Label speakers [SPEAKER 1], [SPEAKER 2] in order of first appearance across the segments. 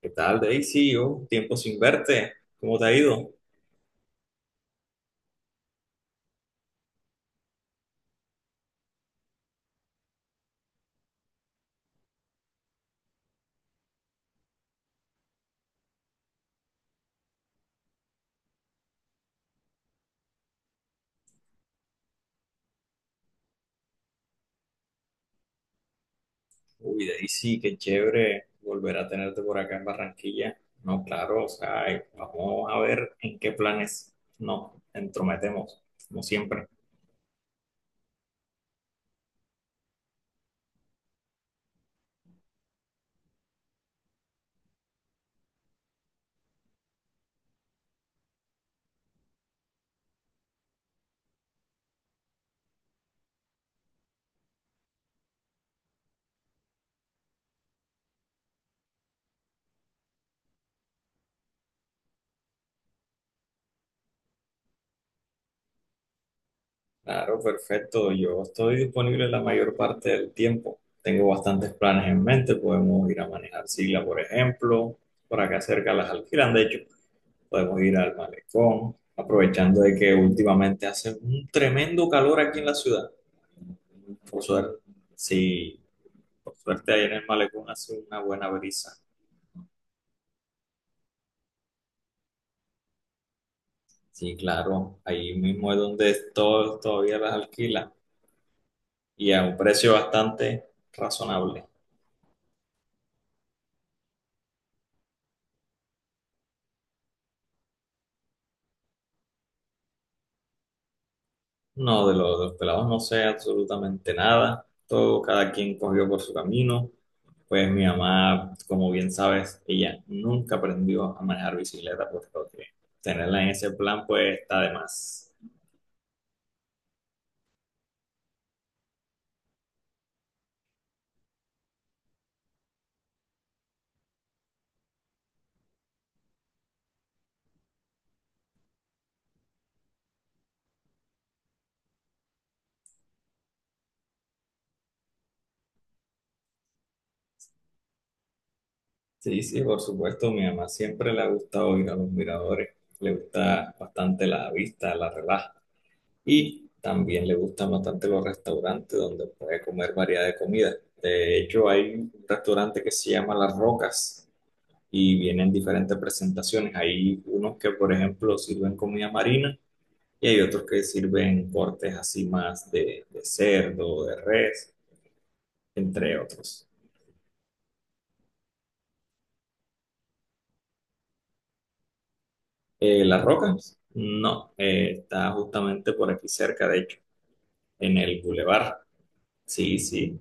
[SPEAKER 1] ¿Qué tal, Daisy? Oh, tiempo sin verte. ¿Cómo te ha ido? Uy, Daisy, qué chévere volver a tenerte por acá en Barranquilla. No, claro, o sea, vamos a ver en qué planes nos entrometemos, como siempre. Claro, perfecto. Yo estoy disponible la mayor parte del tiempo. Tengo bastantes planes en mente. Podemos ir a manejar Sigla, por ejemplo. Por acá cerca las alquilan, de hecho. Podemos ir al malecón, aprovechando de que últimamente hace un tremendo calor aquí en la ciudad. Por suerte, sí, por suerte ahí en el malecón hace una buena brisa. Sí, claro, ahí mismo es donde todos todavía las alquila y a un precio bastante razonable. No, de los pelados no sé absolutamente nada, todo cada quien cogió por su camino. Pues mi mamá, como bien sabes, ella nunca aprendió a manejar bicicleta, por lo que tenerla en ese plan pues está de más. Sí, sí, por supuesto, mi mamá siempre le ha gustado ir a los miradores, le gusta bastante la vista, la relaja y también le gustan bastante los restaurantes donde puede comer variedad de comida. De hecho, hay un restaurante que se llama Las Rocas y vienen diferentes presentaciones. Hay unos que, por ejemplo, sirven comida marina y hay otros que sirven cortes así más de cerdo, de res, entre otros. Las Rocas, no, está justamente por aquí cerca, de hecho, en el Boulevard. Sí, sí,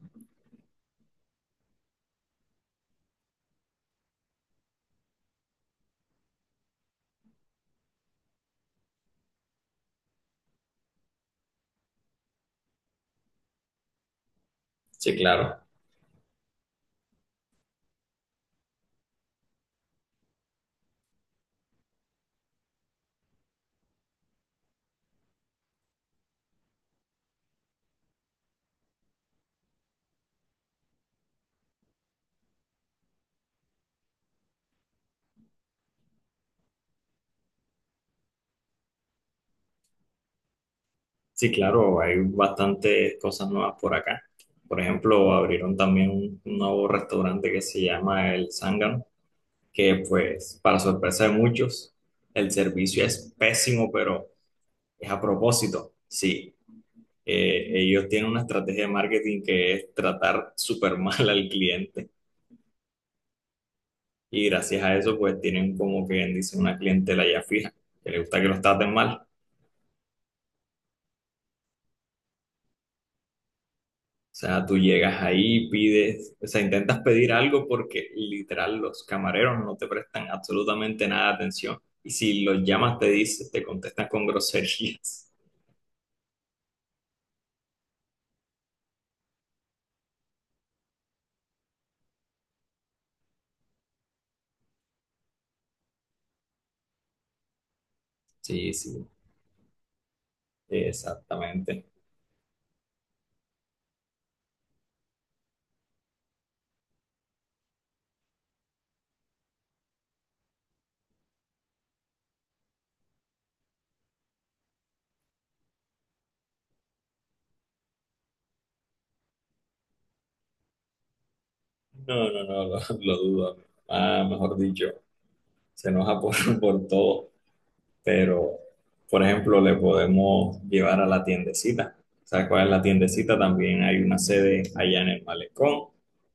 [SPEAKER 1] sí, claro. Sí, claro, hay bastantes cosas nuevas por acá. Por ejemplo, abrieron también un nuevo restaurante que se llama El Zángano, que pues, para sorpresa de muchos, el servicio es pésimo, pero es a propósito. Sí, ellos tienen una estrategia de marketing que es tratar súper mal al cliente. Y gracias a eso, pues tienen como que bien dice una clientela ya fija, que le gusta que los traten mal. O sea, tú llegas ahí, pides, o sea, intentas pedir algo porque literal los camareros no te prestan absolutamente nada de atención. Y si los llamas, te dicen, te contestan con groserías. Sí, sí, exactamente. No, no, no, lo dudo. Ah, mejor dicho, se enoja por todo. Pero, por ejemplo, le podemos llevar a la tiendecita. ¿Sabes cuál es la tiendecita? También hay una sede allá en el malecón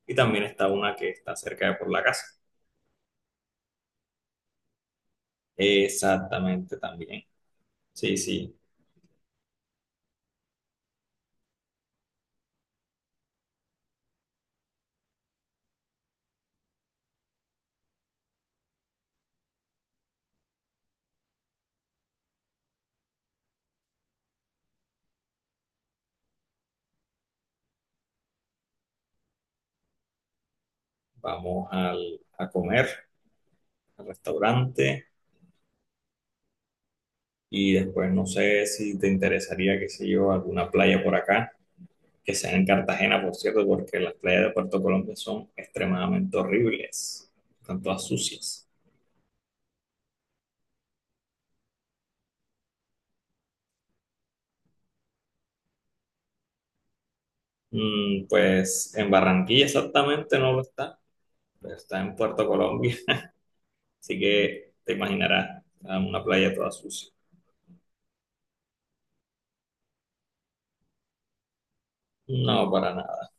[SPEAKER 1] y también está una que está cerca de por la casa. Exactamente también. Sí, sí, a comer al restaurante y después no sé si te interesaría, qué sé yo, alguna playa por acá, que sea en Cartagena, por cierto, porque las playas de Puerto Colombia son extremadamente horribles, están todas sucias. Mm, pues en Barranquilla exactamente no lo está, pero está en Puerto Colombia, así que te imaginarás, ah, una playa toda sucia. No, para nada.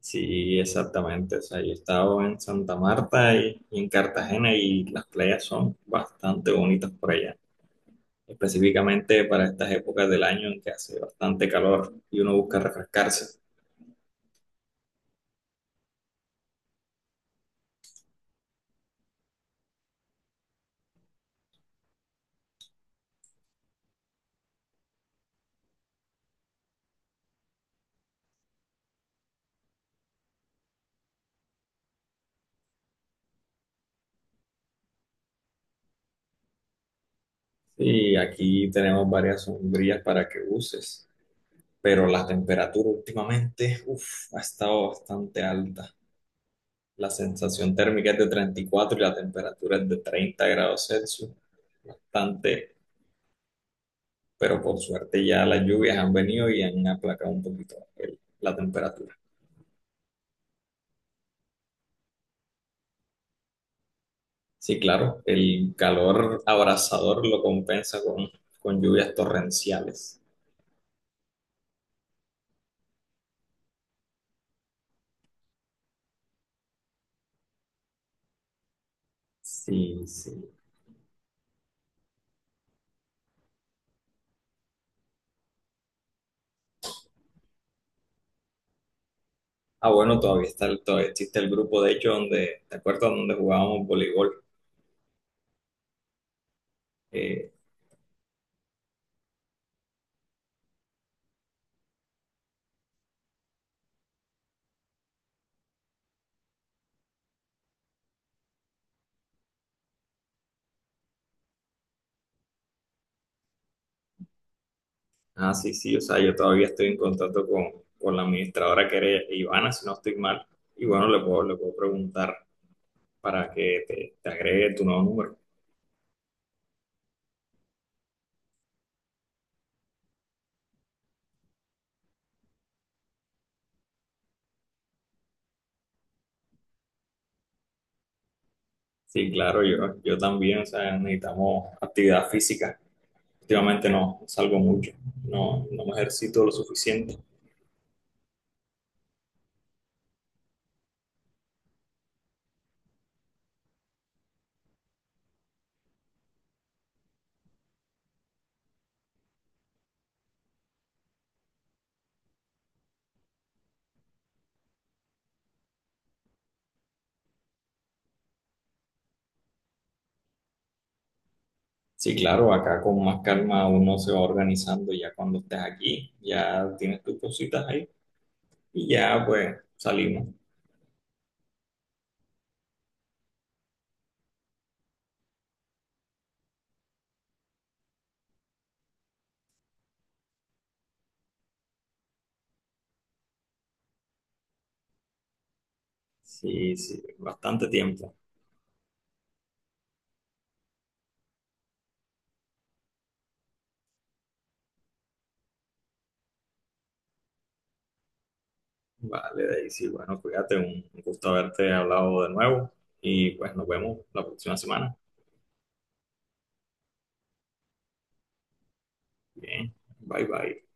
[SPEAKER 1] Sí, exactamente. O sea, yo he estado en Santa Marta y en Cartagena y las playas son bastante bonitas por allá. Específicamente para estas épocas del año en que hace bastante calor y uno busca refrescarse. Y aquí tenemos varias sombrillas para que uses. Pero la temperatura últimamente, uf, ha estado bastante alta. La sensación térmica es de 34 y cuatro y la temperatura es de 30 grados Celsius, bastante, pero por suerte ya las lluvias han venido y han aplacado un poquito la temperatura. Sí, claro, el calor abrasador lo compensa con lluvias torrenciales. Sí, sí. Ah, bueno, todavía está, todavía existe el grupo, de hecho, donde, ¿te acuerdas? Donde jugábamos voleibol. Eh, Ah, sí, sí, o sea, yo todavía estoy en contacto con la administradora que era Ivana, si no estoy mal. Y bueno, le puedo preguntar para que te agregue tu nuevo número. Sí, claro, yo también, o sea, necesitamos actividad física. Últimamente no salgo mucho, no, no me ejercito lo suficiente. Sí, claro, acá con más calma uno se va organizando ya cuando estés aquí, ya tienes tus cositas ahí y ya pues salimos. Sí, sí, bastante tiempo. Vale, Daisy, bueno, cuídate, un gusto haberte hablado de nuevo y pues nos vemos la próxima semana. Bien, bye bye.